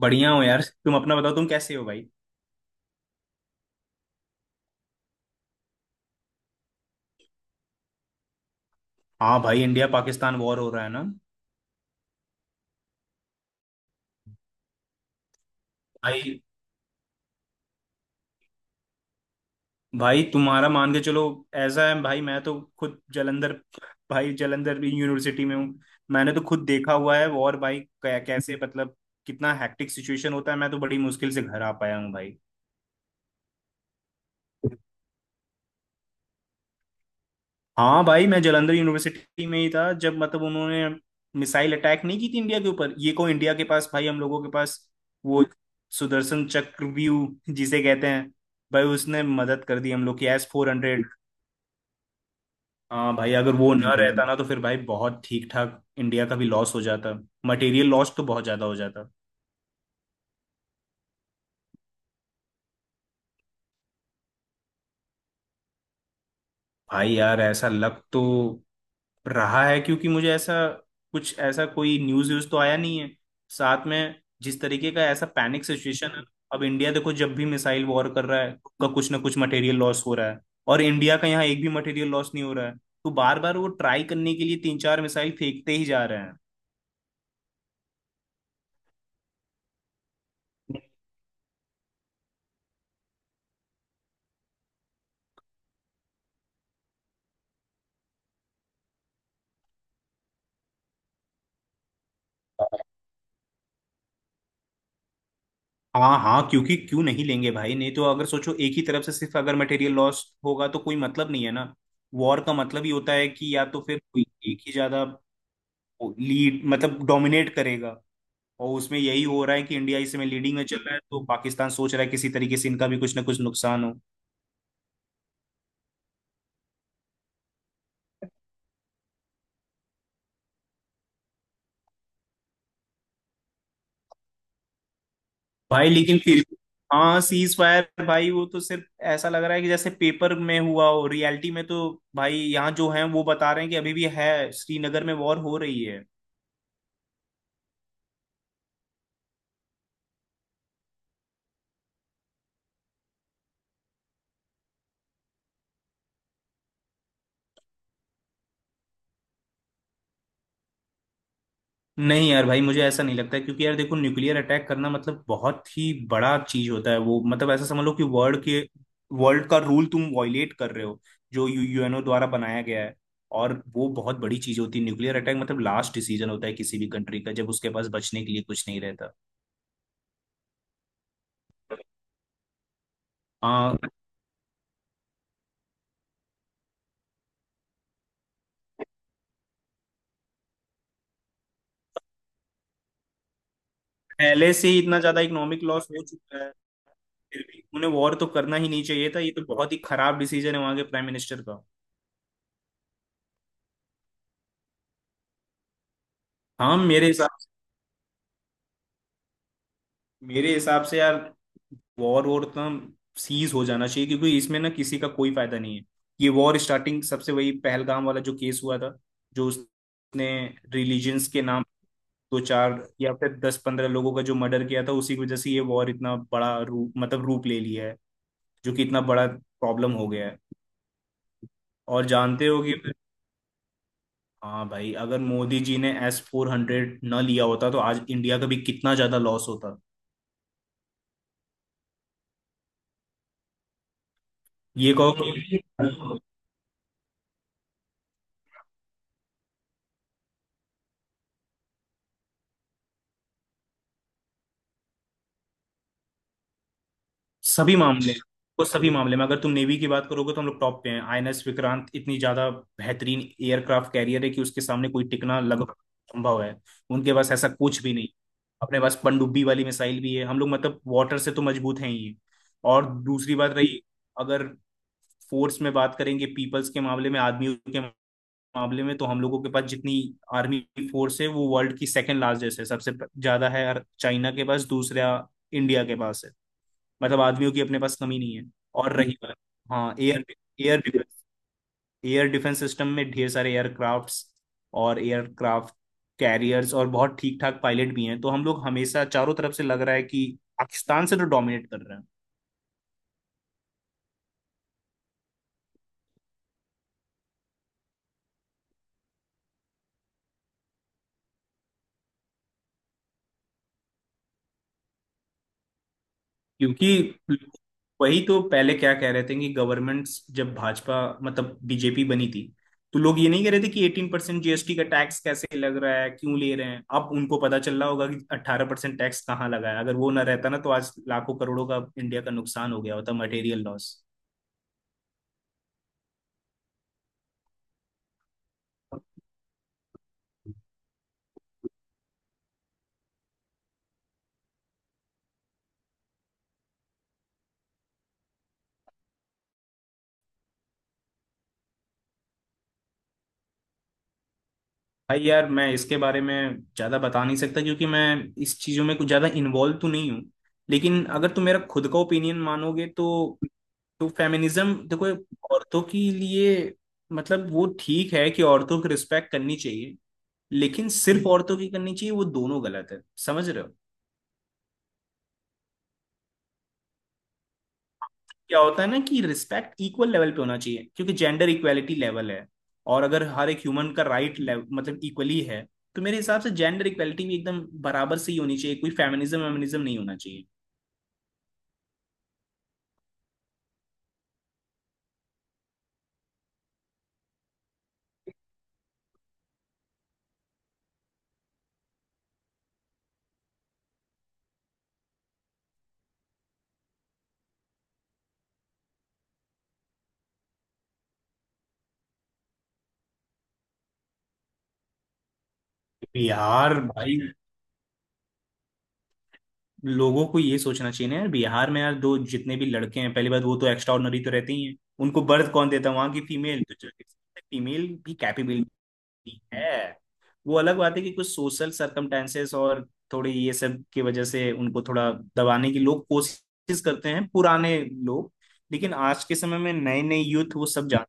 बढ़िया हो यार। तुम अपना बताओ, तुम कैसे हो भाई? हाँ भाई, इंडिया पाकिस्तान वॉर हो रहा है ना। भाई भाई तुम्हारा मान के चलो। ऐसा है भाई, मैं तो खुद जालंधर, भाई जालंधर यूनिवर्सिटी में हूँ। मैंने तो खुद देखा हुआ है वॉर भाई। कैसे मतलब कितना हैक्टिक सिचुएशन होता है। मैं तो बड़ी मुश्किल से घर आ पाया हूँ भाई। हाँ भाई, मैं जलंधर यूनिवर्सिटी में ही था जब मतलब उन्होंने मिसाइल अटैक नहीं की थी इंडिया के ऊपर, ये को इंडिया के पास, भाई हम लोगों के पास वो सुदर्शन चक्रव्यूह जिसे कहते हैं, भाई उसने मदद कर दी हम लोग की, S-400। हाँ भाई, अगर वो ना रहता ना, तो फिर भाई बहुत ठीक ठाक इंडिया का भी लॉस हो जाता। मटेरियल लॉस तो बहुत ज्यादा हो जाता। भाई यार ऐसा लक तो रहा है, क्योंकि मुझे ऐसा कुछ, ऐसा कोई न्यूज़ व्यूज़ तो आया नहीं है। साथ में जिस तरीके का ऐसा पैनिक सिचुएशन है। अब इंडिया देखो, जब भी मिसाइल वॉर कर रहा है उसका कुछ ना कुछ मटेरियल लॉस हो रहा है, और इंडिया का यहाँ एक भी मटेरियल लॉस नहीं हो रहा है। तो बार बार वो ट्राई करने के लिए तीन चार मिसाइल फेंकते ही जा रहे हैं। हाँ हाँ, क्योंकि क्यों नहीं लेंगे भाई? नहीं तो अगर सोचो, एक ही तरफ से सिर्फ अगर मटेरियल लॉस होगा तो कोई मतलब नहीं है ना। वॉर का मतलब ही होता है कि या तो फिर कोई एक ही ज्यादा लीड, मतलब डोमिनेट करेगा। और उसमें यही हो रहा है कि इंडिया इस समय लीडिंग में चल रहा है तो पाकिस्तान सोच रहा है किसी तरीके से इनका भी कुछ ना कुछ नुकसान हो। भाई लेकिन फिर, हाँ, सीज फायर भाई वो तो सिर्फ ऐसा लग रहा है कि जैसे पेपर में हुआ हो, रियलिटी में तो भाई यहाँ जो है वो बता रहे हैं कि अभी भी है, श्रीनगर में वॉर हो रही है। नहीं यार भाई, मुझे ऐसा नहीं लगता है, क्योंकि यार देखो, न्यूक्लियर अटैक करना मतलब बहुत ही बड़ा चीज होता है। वो मतलब ऐसा समझ लो कि वर्ल्ड के, वर्ल्ड का रूल तुम वॉयलेट कर रहे हो जो यू यूएनओ द्वारा बनाया गया है। और वो बहुत बड़ी चीज होती है, न्यूक्लियर अटैक मतलब लास्ट डिसीजन होता है किसी भी कंट्री का, जब उसके पास बचने के लिए कुछ नहीं रहता। आ, पहले से ही इतना ज्यादा इकोनॉमिक लॉस हो चुका है। फिर भी उन्हें वॉर तो करना ही नहीं चाहिए था, ये तो बहुत ही खराब डिसीजन है वहां के प्राइम मिनिस्टर का। हाँ, मेरे हिसाब से यार, वॉर वॉर तो सीज हो जाना चाहिए क्योंकि इसमें ना किसी का कोई फायदा नहीं है। ये वॉर स्टार्टिंग सबसे वही पहलगाम वाला जो केस हुआ था, जो उसने रिलीजन्स के नाम दो चार या फिर 10 15 लोगों का जो मर्डर किया था, उसी की वजह से ये वॉर इतना बड़ा रूप, मतलब रूप ले लिया है, जो कि इतना बड़ा प्रॉब्लम हो गया है। और जानते हो कि, हाँ भाई, अगर मोदी जी ने S-400 न लिया होता तो आज इंडिया का भी कितना ज्यादा लॉस होता। ये कहो, सभी मामले वो सभी मामले में अगर तुम नेवी की बात करोगे तो हम लोग टॉप पे हैं। आईएनएस विक्रांत इतनी ज्यादा बेहतरीन एयरक्राफ्ट कैरियर है कि उसके सामने कोई टिकना लगभग संभव है। उनके पास ऐसा कुछ भी नहीं। अपने पास पनडुब्बी वाली मिसाइल भी है हम लोग, मतलब वाटर से तो मजबूत हैं ही। और दूसरी बात रही, अगर फोर्स में बात करेंगे, पीपल्स के मामले में, आदमियों के मामले में, तो हम लोगों के पास जितनी आर्मी फोर्स है वो वर्ल्ड की सेकंड लार्जेस्ट है, सबसे ज्यादा है। चाइना के पास, दूसरा इंडिया के पास है। मतलब आदमियों की अपने पास कमी नहीं है। और रही बात, हाँ, air air defence air defence system में ढेर सारे एयरक्राफ्ट्स और एयरक्राफ्ट कैरियर्स और बहुत ठीक ठाक पायलट भी हैं, तो हम लोग हमेशा चारों तरफ से लग रहा है कि पाकिस्तान से तो डोमिनेट कर रहे हैं। क्योंकि वही तो पहले क्या कह रहे थे कि गवर्नमेंट्स जब भाजपा, मतलब बीजेपी बनी थी, तो लोग ये नहीं कह रहे थे कि 18% जीएसटी का टैक्स कैसे लग रहा है, क्यों ले रहे हैं। अब उनको पता चल रहा होगा कि 18% टैक्स कहाँ लगा है। अगर वो ना रहता ना, तो आज लाखों करोड़ों का इंडिया का नुकसान हो गया होता, मटेरियल लॉस। भाई यार, मैं इसके बारे में ज्यादा बता नहीं सकता क्योंकि मैं इस चीजों में कुछ ज्यादा इन्वॉल्व तो नहीं हूँ। लेकिन अगर तुम मेरा खुद का ओपिनियन मानोगे तो फेमिनिज्म देखो, औरतों के लिए, मतलब वो ठीक है कि औरतों की रिस्पेक्ट करनी चाहिए। लेकिन सिर्फ औरतों की करनी चाहिए, वो दोनों गलत है, समझ रहे हो? क्या होता है ना कि रिस्पेक्ट इक्वल लेवल पे होना चाहिए, क्योंकि जेंडर इक्वालिटी लेवल है। और अगर हर एक ह्यूमन का राइट मतलब इक्वली है, तो मेरे हिसाब से जेंडर इक्वालिटी भी एकदम बराबर से ही होनी चाहिए, कोई फेमिनिज्म वेमिनिज्म नहीं होना चाहिए। यार भाई, लोगों को ये सोचना चाहिए ना यार। बिहार में यार दो, जितने भी लड़के हैं पहली बात वो तो एक्स्ट्रा ऑर्डिनरी तो रहते ही हैं। उनको बर्थ कौन देता है? वहां की फीमेल तो। फीमेल भी कैपेबिलिटी है। वो अलग बात है कि कुछ सोशल सर्कमटेंसेस और थोड़े ये सब की वजह से उनको थोड़ा दबाने की लोग कोशिश करते हैं, पुराने लोग। लेकिन आज के समय में नए नए यूथ वो सब जान,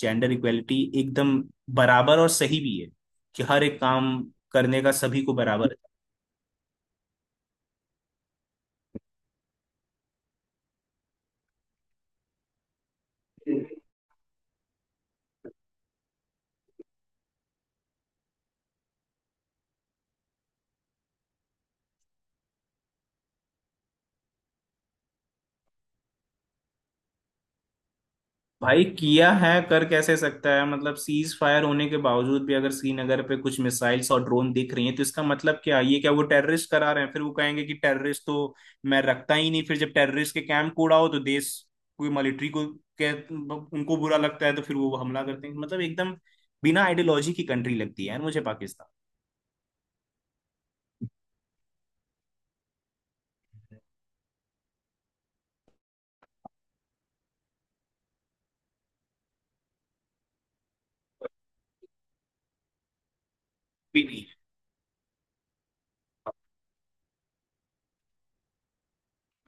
जेंडर इक्वेलिटी एकदम बराबर और सही भी है कि हर एक काम करने का सभी को बराबर है। भाई किया है, कर कैसे सकता है? मतलब सीज फायर होने के बावजूद भी अगर श्रीनगर पे कुछ मिसाइल्स और ड्रोन दिख रही हैं, तो इसका मतलब क्या? ये क्या वो टेररिस्ट करा रहे हैं? फिर वो कहेंगे कि टेररिस्ट तो मैं रखता ही नहीं। फिर जब टेररिस्ट के कैंप कूड़ा हो तो देश कोई मिलिट्री को के उनको बुरा लगता है तो फिर वो हमला करते हैं, मतलब एकदम बिना आइडियोलॉजी की कंट्री लगती है यार मुझे पाकिस्तान। भी नहीं,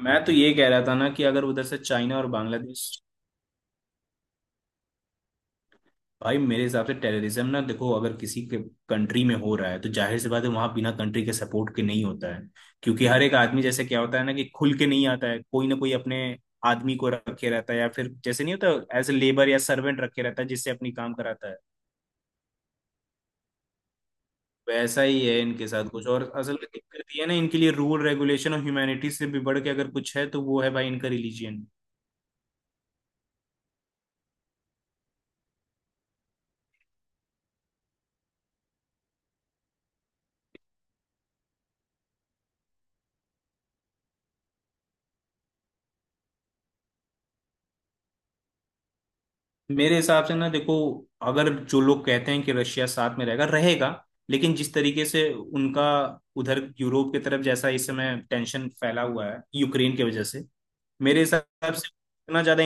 मैं तो ये कह रहा था ना कि अगर उधर से चाइना और बांग्लादेश, भाई मेरे हिसाब से टेररिज्म ना देखो, अगर किसी के कंट्री में हो रहा है तो जाहिर सी बात है वहां बिना कंट्री के सपोर्ट के नहीं होता है। क्योंकि हर एक आदमी जैसे, क्या होता है ना कि खुल के नहीं आता है, कोई ना कोई अपने आदमी को रखे रहता है या फिर जैसे नहीं होता, एज ए लेबर या सर्वेंट रखे रहता है, जिससे अपनी काम कराता है। वैसा ही है इनके साथ कुछ और। असल में दिक्कत ये है ना, इनके लिए रूल रेगुलेशन और ह्यूमैनिटी से भी बढ़ के अगर कुछ है तो वो है भाई इनका रिलीजियन। मेरे हिसाब से ना देखो, अगर जो लोग कहते हैं कि रशिया साथ में रहेगा, रहेगा, लेकिन जिस तरीके से उनका उधर यूरोप की तरफ जैसा इस समय टेंशन फैला हुआ है यूक्रेन की वजह से, मेरे हिसाब से इतना ज्यादा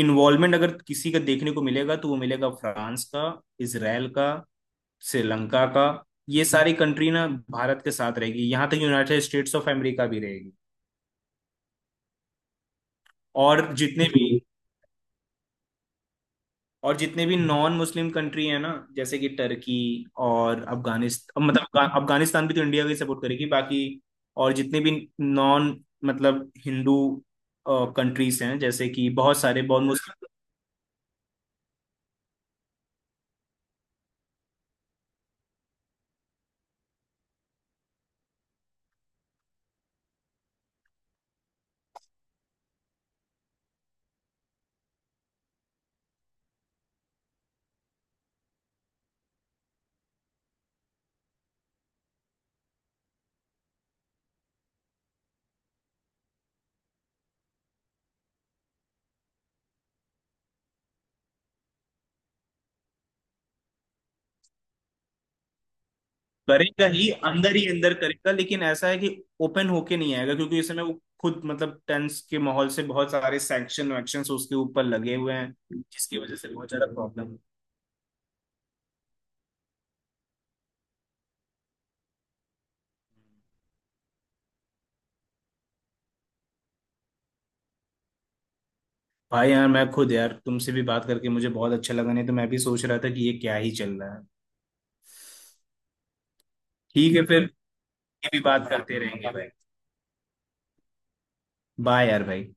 इन्वॉल्वमेंट अगर किसी का देखने को मिलेगा तो वो मिलेगा फ्रांस का, इसराइल का, श्रीलंका का। ये सारी कंट्री ना भारत के साथ रहेगी, यहाँ तक यूनाइटेड स्टेट्स ऑफ अमेरिका भी रहेगी। और जितने भी, नॉन मुस्लिम कंट्री है ना, जैसे कि टर्की और अफगानिस्तान, मतलब अफगानिस्तान भी तो इंडिया की सपोर्ट करेगी, बाकी और जितने भी नॉन, मतलब हिंदू कंट्रीज हैं, जैसे कि बहुत सारे, बहुत मुस्लिम करेगा ही, अंदर ही अंदर करेगा, लेकिन ऐसा है कि ओपन होके नहीं आएगा, क्योंकि इस समय वो खुद मतलब टेंस के माहौल से बहुत सारे सैंक्शन वैक्शन उसके ऊपर लगे हुए हैं, जिसकी वजह से बहुत ज्यादा प्रॉब्लम। भाई यार, मैं खुद यार तुमसे भी बात करके मुझे बहुत अच्छा लगा, नहीं तो मैं भी सोच रहा था कि ये क्या ही चल रहा है। ठीक है फिर, ये भी बात करते रहेंगे भाई। बाय यार भाई।